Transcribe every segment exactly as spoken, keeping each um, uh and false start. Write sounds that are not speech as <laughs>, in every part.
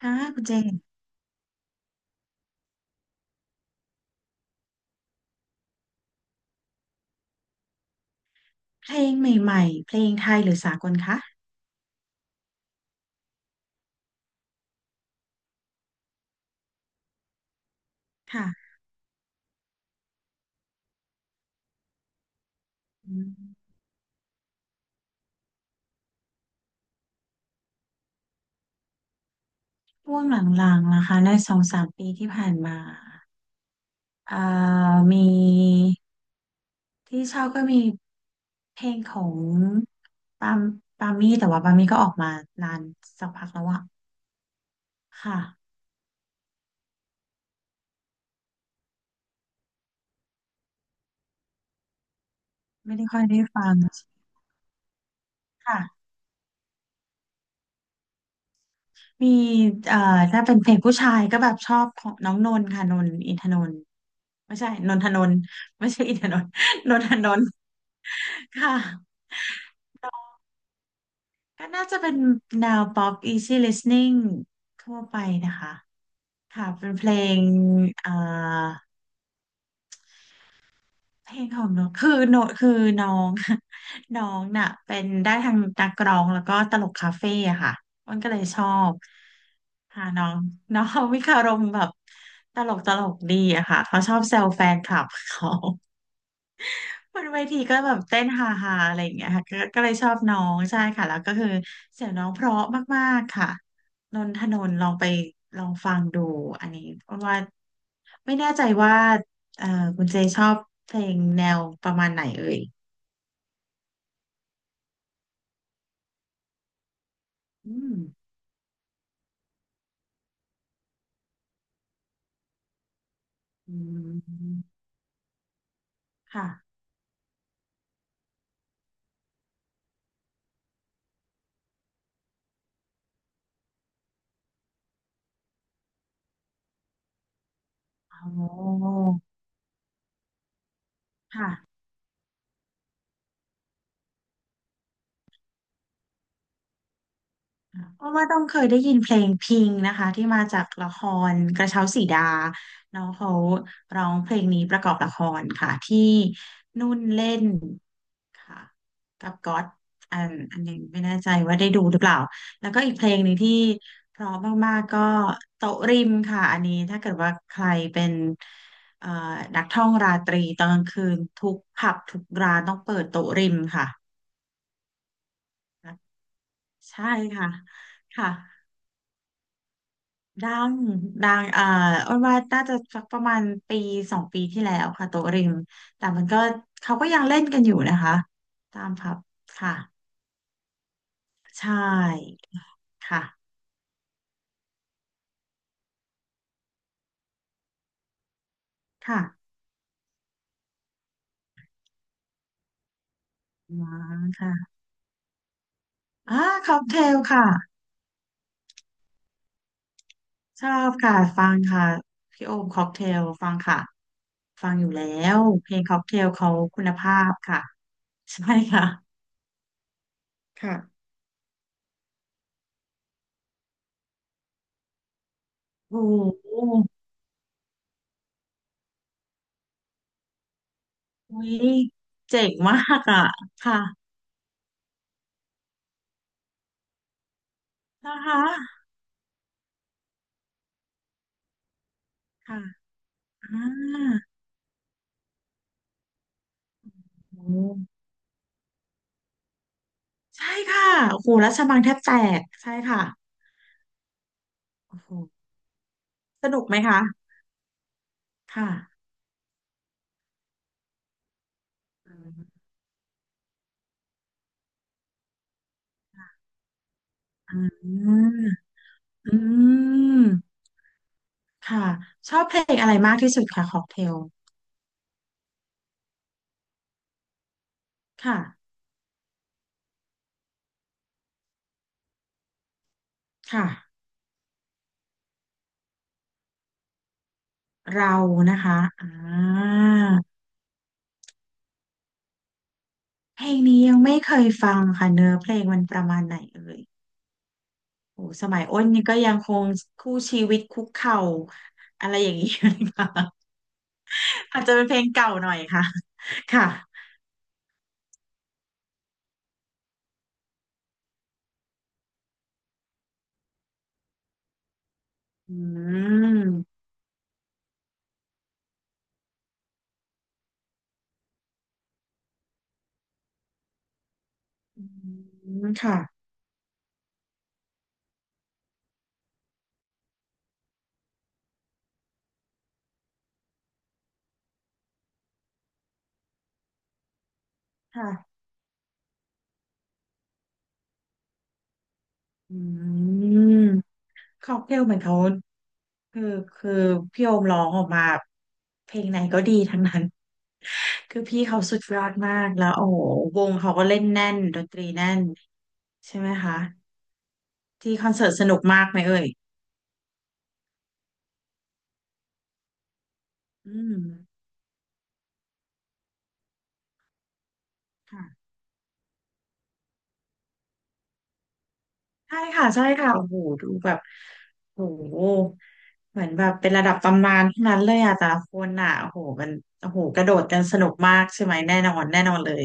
ค่ะคุณเจนเพลงใหม่ๆเพลงไทยหรือสากลคะค่ะอืมช่วงหลังๆนะคะในสองสามปีที่ผ่านมาเอ่อมีที่ชอบก็มีเพลงของปามปามี่แต่ว่าปามี่ก็ออกมานานสักพักแล้วอะค่ะไม่ได้ค่อยได้ฟังค่ะ มีเอ่อถ้าเป็นเพลงผู้ชายก็แบบชอบของน้องนนท์ค่ะนนท์อินทนนท์ไม่ใช่นนทนนท์ไม่ใช่อินทนนท์นนทนนท์ <laughs> ค่ะก็น่าจะเป็นแนว pop easy listening ทั่วไปนะคะค่ะเป็นเพลงเอ่อ เพลงของน้องคือโนคือน้อง <laughs> น้องน่ะเป็นได้ทางนักร้องแล้วก็ตลกคาเฟ่อะค่ะมันก็เลยชอบค่ะน้องน้องวิคารมแบบตลกตลกดีอะค่ะเขาชอบแซวแฟนคลับเขา <laughs> บนเวทีก็แบบเต้นฮาฮาอะไรอย่างเงี้ยค่ะก็ก็เลยชอบน้องใช่ค่ะแล้วก็คือเสียงน้องเพราะมากๆค่ะนนทนนท์ลองไปลองฟังดูอันนี้เพราะว่าไม่แน่ใจว่าเอ่อคุณเจชอบเพลงแนวประมาณไหนเอ่ย อืมอืมค่ะโอ้อค่ะเพราะว่าต้องเคยได้ยินเพลงพิงนะคะที่มาจากละครกระเช้าสีดาแล้วเขาร้องเพลงนี้ประกอบละครค่ะที่นุ่นเล่น ค่ะกับก๊อดอันอันหนึงไม่แน่ใจว่าได้ดูหรือเปล่าแล้วก็อีกเพลงหนึ่งที่เพราะมากๆก็โต๊ะริมค่ะอันนี้ถ้าเกิดว่าใครเป็นเอ่อนักท่องราตรีตอนกลางคืนทุกผับทุกร้านต้องเปิดโต๊ะริมค่ะใช่ค่ะค่ะดังดังเอ่ออ้นว่าน่าจะสักประมาณปีสองปีที่แล้วค่ะโต๊ะริมแต่มันก็เขาก็ยังเล่นกันอยู่นะคะตามผับค่ะใช่ค่ะ ค่ะอ๋ค่ะอ่าค็อกเทลค่ะชอบค่ะฟังค่ะพี่โอมค็อกเทลฟังค่ะฟังอยู่แล้วเพลงค็อกเทลเขาคุณภาพค่ะใช่ค่ะค่ะโอ้โหอุ๊ยเจ๋งมากอ่ะค่ะนะคะค่ะอ่าโอ้ใช่ค่ะโอ้โหรัชมังแทบแตกใช่ค่ะโอ้โหสนุกไหมคะค่ะอืมอืม ค่ะชอบเพลงอะไรมากที่สุดคะค็อกเทลค่ะค่ะเรานะคะอ่าเพลงนี้ยังไม่เคยฟังค่ะเนื้อเพลงมันประมาณไหนเอ่ยโอ้สมัยอ้นนี่ก็ยังคงคู่ชีวิตคุกเข่าอะไรอย่างนี้อยู่เลยค่ะอาจจะเป็นเพลงเก่าหน่อยค่ะค่ะอืมอืมค่ะค่ะอืมค็อกเทลเหมือนเขาคือคือพี่โอมร้องออกมาเพลงไหนก็ดีทั้งนั้น คือพี่เขาสุดยอดมากแล้วโอ้โหวงเขาก็เล่นแน่นดนตรีแน่นใช่ไหมคะที่คอนเสิร์ตสนุกมากไหมเอ่ยอืมค่ะใช่ค่ะใช่ค่ะโอ้โหดูแบบโอ้โหเหมือนแบบเป็นระดับตำนานทั้งนั้นเลยอะแต่ละคนอะโอ้โหมันโอ้โหกระโดดกันสนุกมากใช่ไหมแน่นอนแน่นอนเลย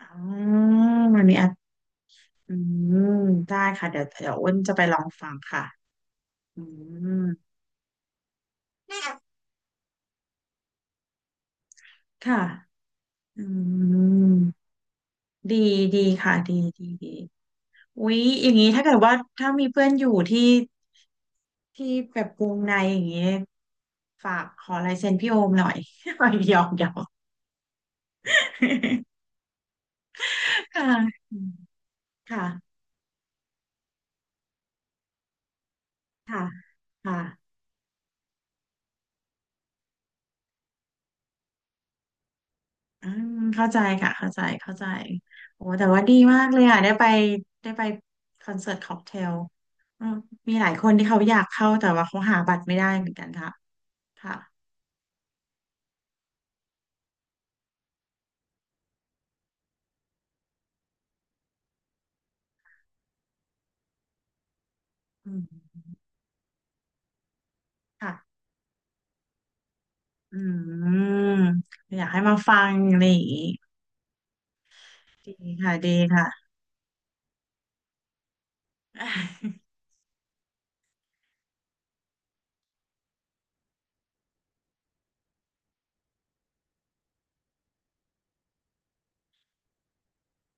อ๋อมันมีอ่ะอืมได้ค่ะเดี๋ยวเดี๋ยวอ้นจะไปลองฟังค่ะอืมค่ะอืม ดีดีค่ะดีดีดีอุ๊ยอย่างนี้ถ้าเกิดว่าถ้ามีเพื่อนอยู่ที่ที่แบบวงในอย่างนี้ฝากขอลายเซ็นพี่โอมหน่อย <laughs> หน่อยหยอกหยอกค่ะอืมค่ะค่ะค่ะอืมเข้าใจค่ะเข้าใจเข้าใจโอ้แต่ว่าดีมากเลยอ่ะได้ไปได้ไปคอนเสิร์ตค็อกเทลอืมมีหลายคนที่เขาอยากเข้าแต่ว่าเขาหาบัตรไม่ได้เหมือนกันค่ะค่ะอืมค่ะ อืมอยากให้มาฟังอะไรอย่างงี้ดีค่ะดีค่ะ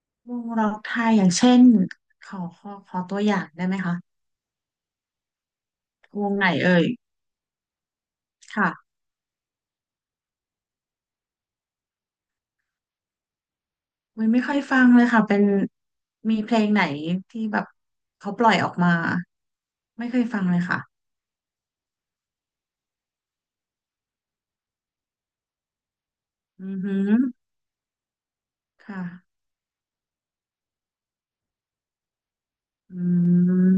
<laughs> วงร็อกไทยอย่างเช่นขอขอขอตัวอย่างได้ไหมคะวงไหนเอ่ยค่ะไม่ไม่ค่อยฟังเลยค่ะเป็นมีเพลงไหนที่แบบเขาปล่อยออกมาไม่เคยฟังเลยค่ะอือหือค่ะอื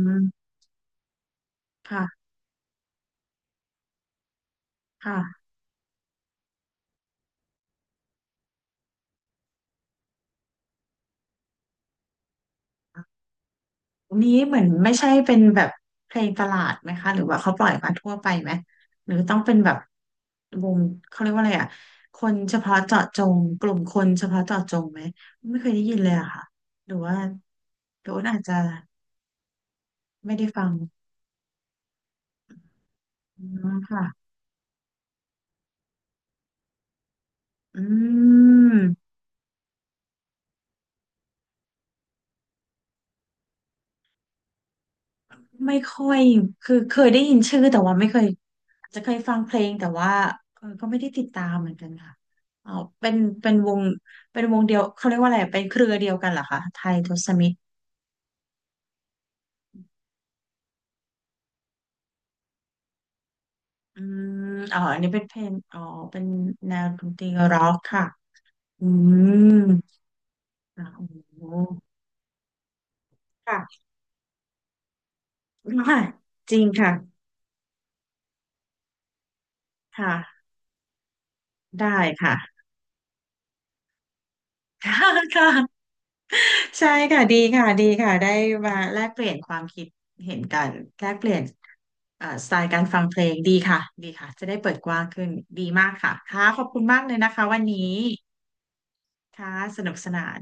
มค่ะค่ะอ่า นี้เหมือนไม่ใช่เป็นแบบเพลงตลาดไหมคะหรือว่าเขาปล่อยมาทั่วไปไหมหรือต้องเป็นแบบวงเขาเรียกว่าอะไรอ่ะคนเฉพาะเจาะจงกลุ่มคนเฉพาะเจาะจงไหมไม่เคยได้ยินเลยอะค่ะหรือว่าหรือว่าอาจจะไม่ได้ฟังอืมค่ะอืมไม่ค่อยคือเคยได้ยินชื่อแต่ว่าไม่เคย จะเคยฟังเพลงแต่ว่าเออก็ไม่ได้ติดตามเหมือนกันค่ะอ๋อเป็นเป็นวงเป็นวงเดียวเขาเรียกว่าอะไรเป็นเครือเดียวกันเหรอคะไทยทศมิตรอืมอ๋ออันนี้เป็นเพลงอ๋อเป็นแนวดนตรีร็อกค่ะ อืมอ่ะโอ้โหค่ะ <laughs> จริงค่ะค่ะ ได้ค่ะ <laughs> ค่ะ ใช่ค่ะดีค่ะดีค่ะได้มาแลกเปลี่ยนความคิดเห็นกันแลกเปลี่ยนเอ่อสไตล์การฟังเพลงดีค่ะดีค่ะจะได้เปิดกว้างขึ้นดีมากค่ะค่ะขอบคุณมากเลยนะคะวันนี้ค่ะสนุกสนาน